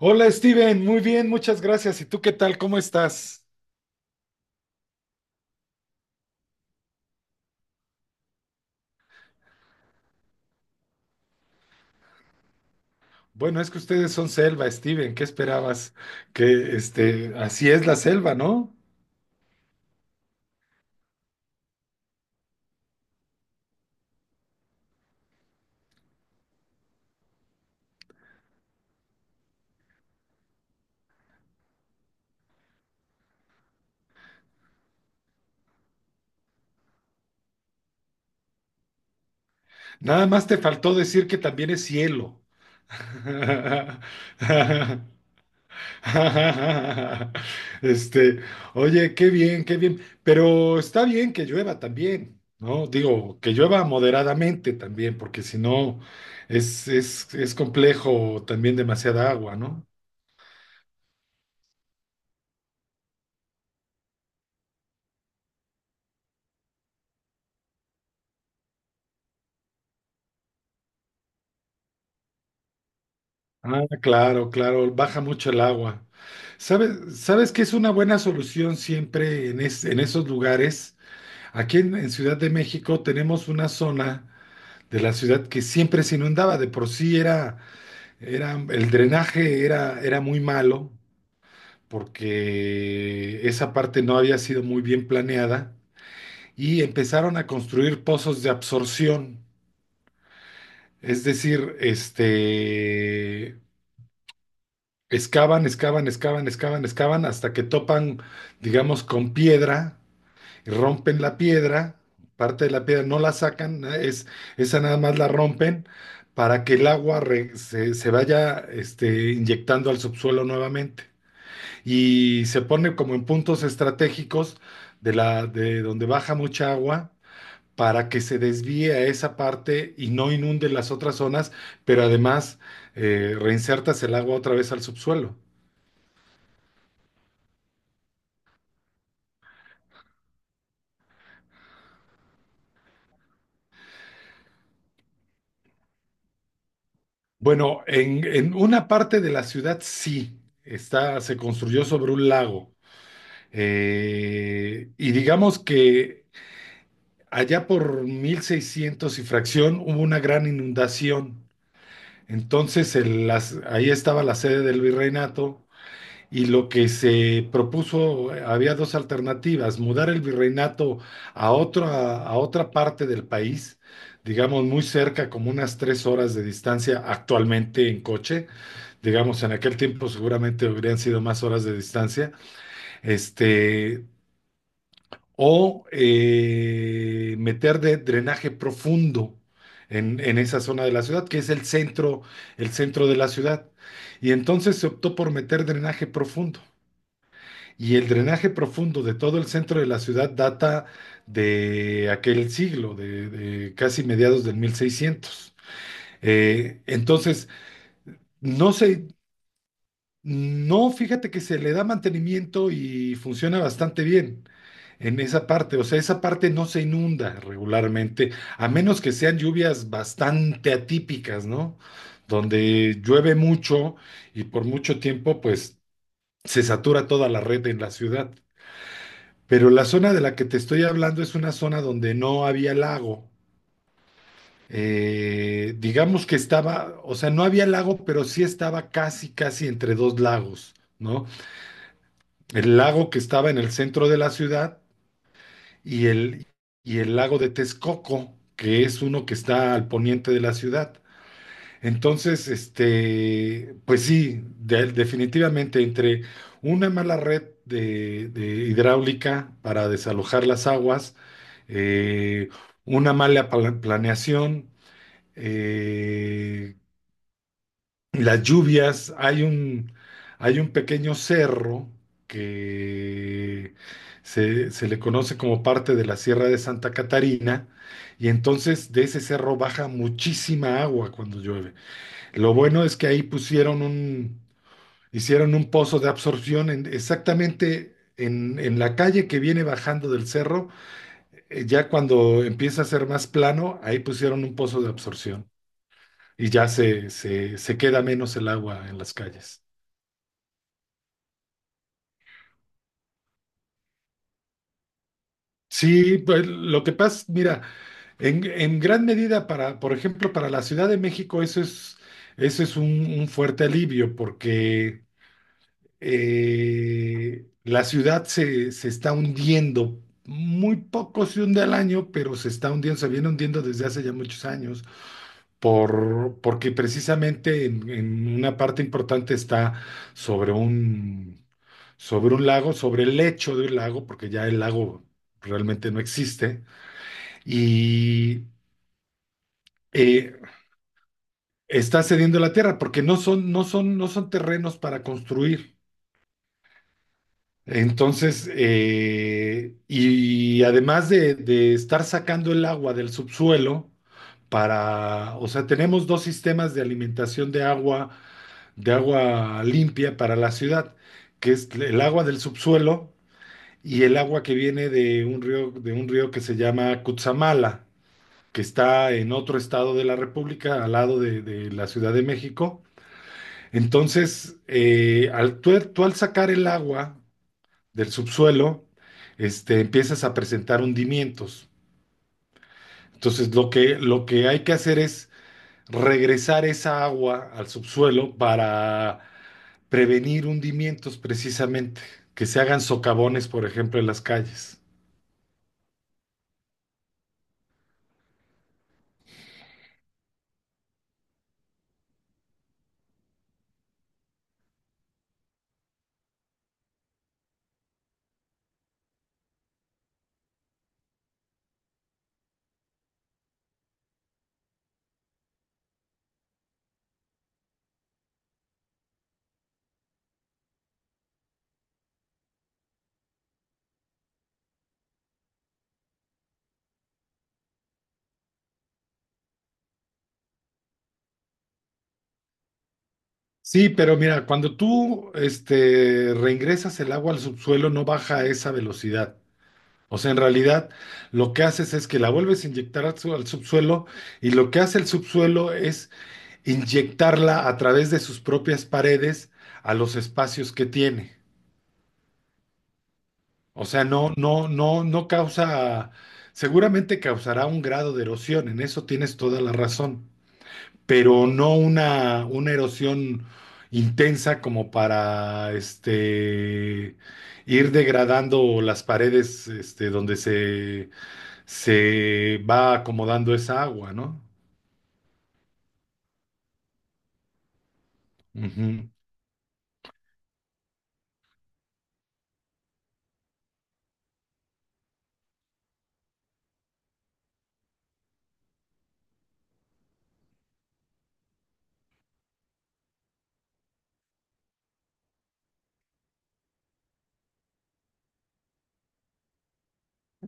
Hola Steven, muy bien, muchas gracias. ¿Y tú qué tal? ¿Cómo estás? Bueno, es que ustedes son selva, Steven, ¿qué esperabas? Que, así es la selva, ¿no? Nada más te faltó decir que también es cielo. Este, oye, qué bien, qué bien. Pero está bien que llueva también, ¿no? Digo, que llueva moderadamente también, porque si no es complejo también demasiada agua, ¿no? Ah, claro, claro, baja mucho el agua. ¿Sabes que es una buena solución siempre en esos lugares? Aquí en Ciudad de México tenemos una zona de la ciudad que siempre se inundaba, de por sí era el drenaje, era muy malo porque esa parte no había sido muy bien planeada y empezaron a construir pozos de absorción. Es decir, excavan, excavan, excavan, excavan, excavan hasta que topan, digamos, con piedra, y rompen la piedra, parte de la piedra no la sacan, esa nada más la rompen para que el agua se vaya inyectando al subsuelo nuevamente. Y se pone como en puntos estratégicos de donde baja mucha agua para que se desvíe a esa parte y no inunde las otras zonas, pero además reinsertas el agua otra vez al subsuelo. Bueno, en una parte de la ciudad sí, se construyó sobre un lago. Y digamos que allá por 1600 y fracción hubo una gran inundación. Entonces ahí estaba la sede del virreinato y lo que se propuso, había dos alternativas: mudar el virreinato a otra parte del país, digamos muy cerca, como unas 3 horas de distancia actualmente en coche, digamos, en aquel tiempo seguramente hubieran sido más horas de distancia, este, o meter de drenaje profundo en esa zona de la ciudad, que es el centro de la ciudad. Y entonces se optó por meter drenaje profundo. Y el drenaje profundo de todo el centro de la ciudad data de aquel siglo, de casi mediados del 1600. Eh, entonces, no se, no, fíjate que se le da mantenimiento y funciona bastante bien en esa parte. O sea, esa parte no se inunda regularmente, a menos que sean lluvias bastante atípicas, ¿no? Donde llueve mucho y por mucho tiempo, pues se satura toda la red en la ciudad. Pero la zona de la que te estoy hablando es una zona donde no había lago. Digamos que estaba, o sea, no había lago, pero sí estaba casi, casi entre dos lagos, ¿no? El lago que estaba en el centro de la ciudad y el, y el lago de Texcoco, que es uno que está al poniente de la ciudad. Entonces, pues sí, definitivamente entre una mala red de hidráulica para desalojar las aguas, eh, una mala planeación, eh, las lluvias, hay un pequeño cerro que se le conoce como parte de la Sierra de Santa Catarina, y entonces de ese cerro baja muchísima agua cuando llueve. Lo bueno es que ahí hicieron un pozo de absorción exactamente en la calle que viene bajando del cerro. Ya cuando empieza a ser más plano, ahí pusieron un pozo de absorción y ya se queda menos el agua en las calles. Sí, pues lo que pasa, mira, en gran medida para, por ejemplo, para la Ciudad de México, eso es un fuerte alivio, porque la ciudad se está hundiendo. Muy poco se hunde al año, pero se está hundiendo, se viene hundiendo desde hace ya muchos años, porque precisamente en una parte importante está sobre un, sobre un lago, sobre el lecho de un lago, porque ya el lago realmente no existe y eh, está cediendo la tierra porque no son terrenos para construir. Entonces, y además de estar sacando el agua del subsuelo, para, o sea, tenemos dos sistemas de alimentación de agua limpia para la ciudad, que es el agua del subsuelo y el agua que viene de un río, que se llama Cutzamala, que está en otro estado de la República, al lado de la Ciudad de México. Entonces, tú al sacar el agua del subsuelo, empiezas a presentar hundimientos. Entonces, lo que hay que hacer es regresar esa agua al subsuelo para prevenir hundimientos precisamente, que se hagan socavones, por ejemplo, en las calles. Sí, pero mira, cuando tú reingresas el agua al subsuelo no baja a esa velocidad. O sea, en realidad lo que haces es que la vuelves a inyectar al subsuelo, y lo que hace el subsuelo es inyectarla a través de sus propias paredes a los espacios que tiene. O sea, no causa, seguramente causará un grado de erosión, en eso tienes toda la razón, pero no una erosión intensa como para ir degradando las paredes, donde se va acomodando esa agua, ¿no? Ujú.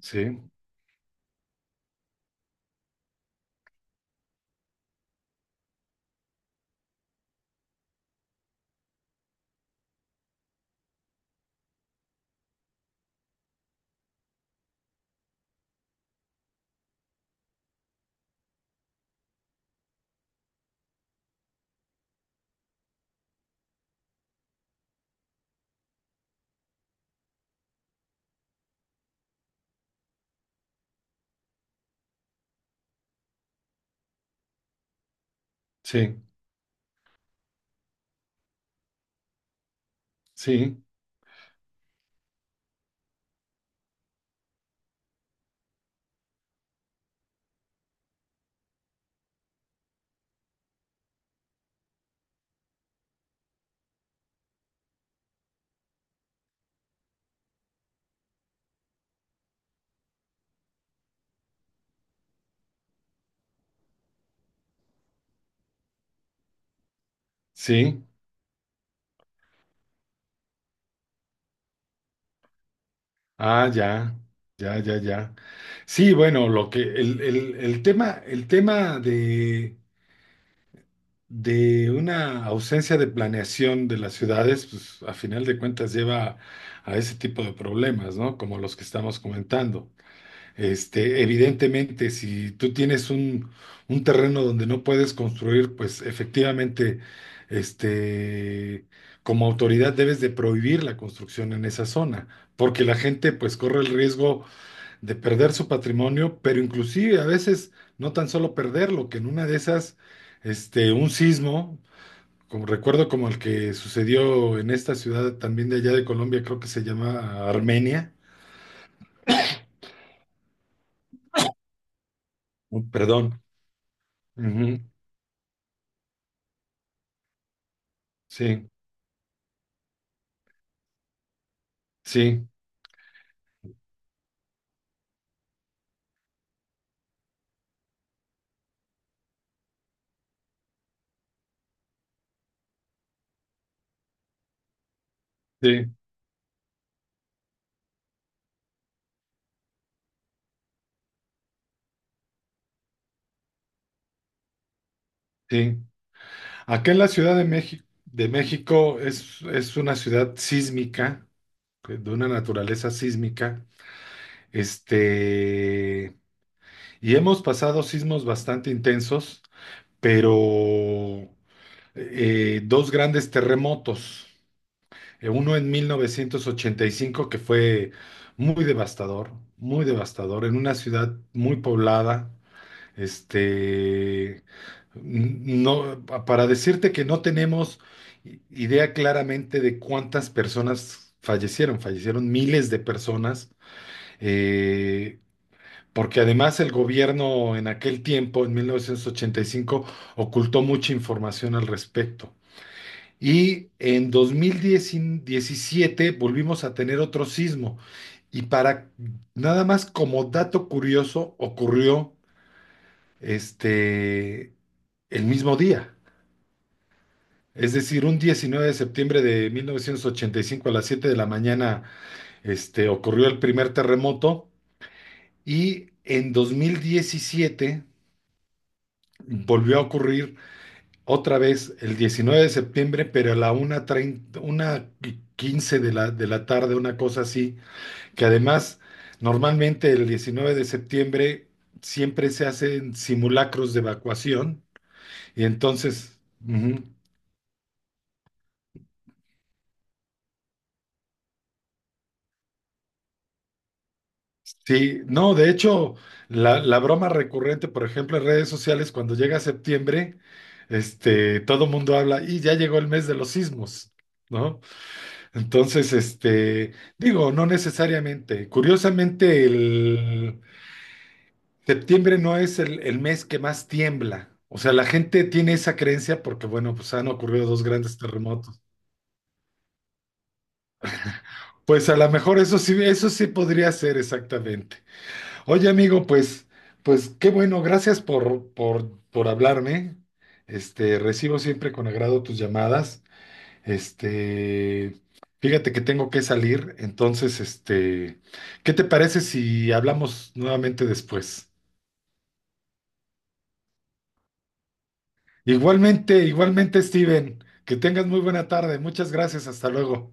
Sí, sí, sí, sí. Ah, ya, ya, ya, ya. Sí, bueno, lo que el tema de una ausencia de planeación de las ciudades, pues a final de cuentas lleva a ese tipo de problemas, ¿no? Como los que estamos comentando. Evidentemente, si tú tienes un terreno donde no puedes construir, pues efectivamente, este, como autoridad debes de prohibir la construcción en esa zona, porque la gente pues corre el riesgo de perder su patrimonio, pero inclusive a veces no tan solo perderlo, que en una de esas, un sismo, como recuerdo como el que sucedió en esta ciudad también de allá de Colombia, creo que se llama Armenia, perdón. Ujú. Sí. Sí, sí, sí. Acá en la Ciudad de México, de México, es una ciudad sísmica, de una naturaleza sísmica. Este, y hemos pasado sismos bastante intensos, pero dos grandes terremotos. Uno en 1985, que fue muy devastador, en una ciudad muy poblada. Este, n- no, pa- para decirte que no tenemos idea claramente de cuántas personas fallecieron, fallecieron miles de personas, eh, porque además el gobierno en aquel tiempo, en 1985, ocultó mucha información al respecto. Y en 2017 volvimos a tener otro sismo. Y, para nada más como dato curioso, ocurrió este el mismo día. Es decir, un 19 de septiembre de 1985 a las 7 de la mañana, ocurrió el primer terremoto, y en 2017 volvió a ocurrir otra vez el 19 de septiembre, pero a la 1:30, 1:15 de la, tarde, una cosa así, que además normalmente el 19 de septiembre siempre se hacen simulacros de evacuación y entonces... Ujú. Sí, no, de hecho, la broma recurrente, por ejemplo, en redes sociales, cuando llega septiembre, todo mundo habla y ya llegó el mes de los sismos, ¿no? Entonces, digo, no necesariamente. Curiosamente, el septiembre no es el mes que más tiembla. O sea, la gente tiene esa creencia porque, bueno, pues han ocurrido dos grandes terremotos. Pues a lo mejor eso sí podría ser exactamente. Oye, amigo, pues, pues qué bueno, gracias por hablarme. Recibo siempre con agrado tus llamadas. Este, Fíjate que tengo que salir, entonces, ¿qué te parece si hablamos nuevamente después? Igualmente, igualmente, Steven, que tengas muy buena tarde. Muchas gracias, hasta luego.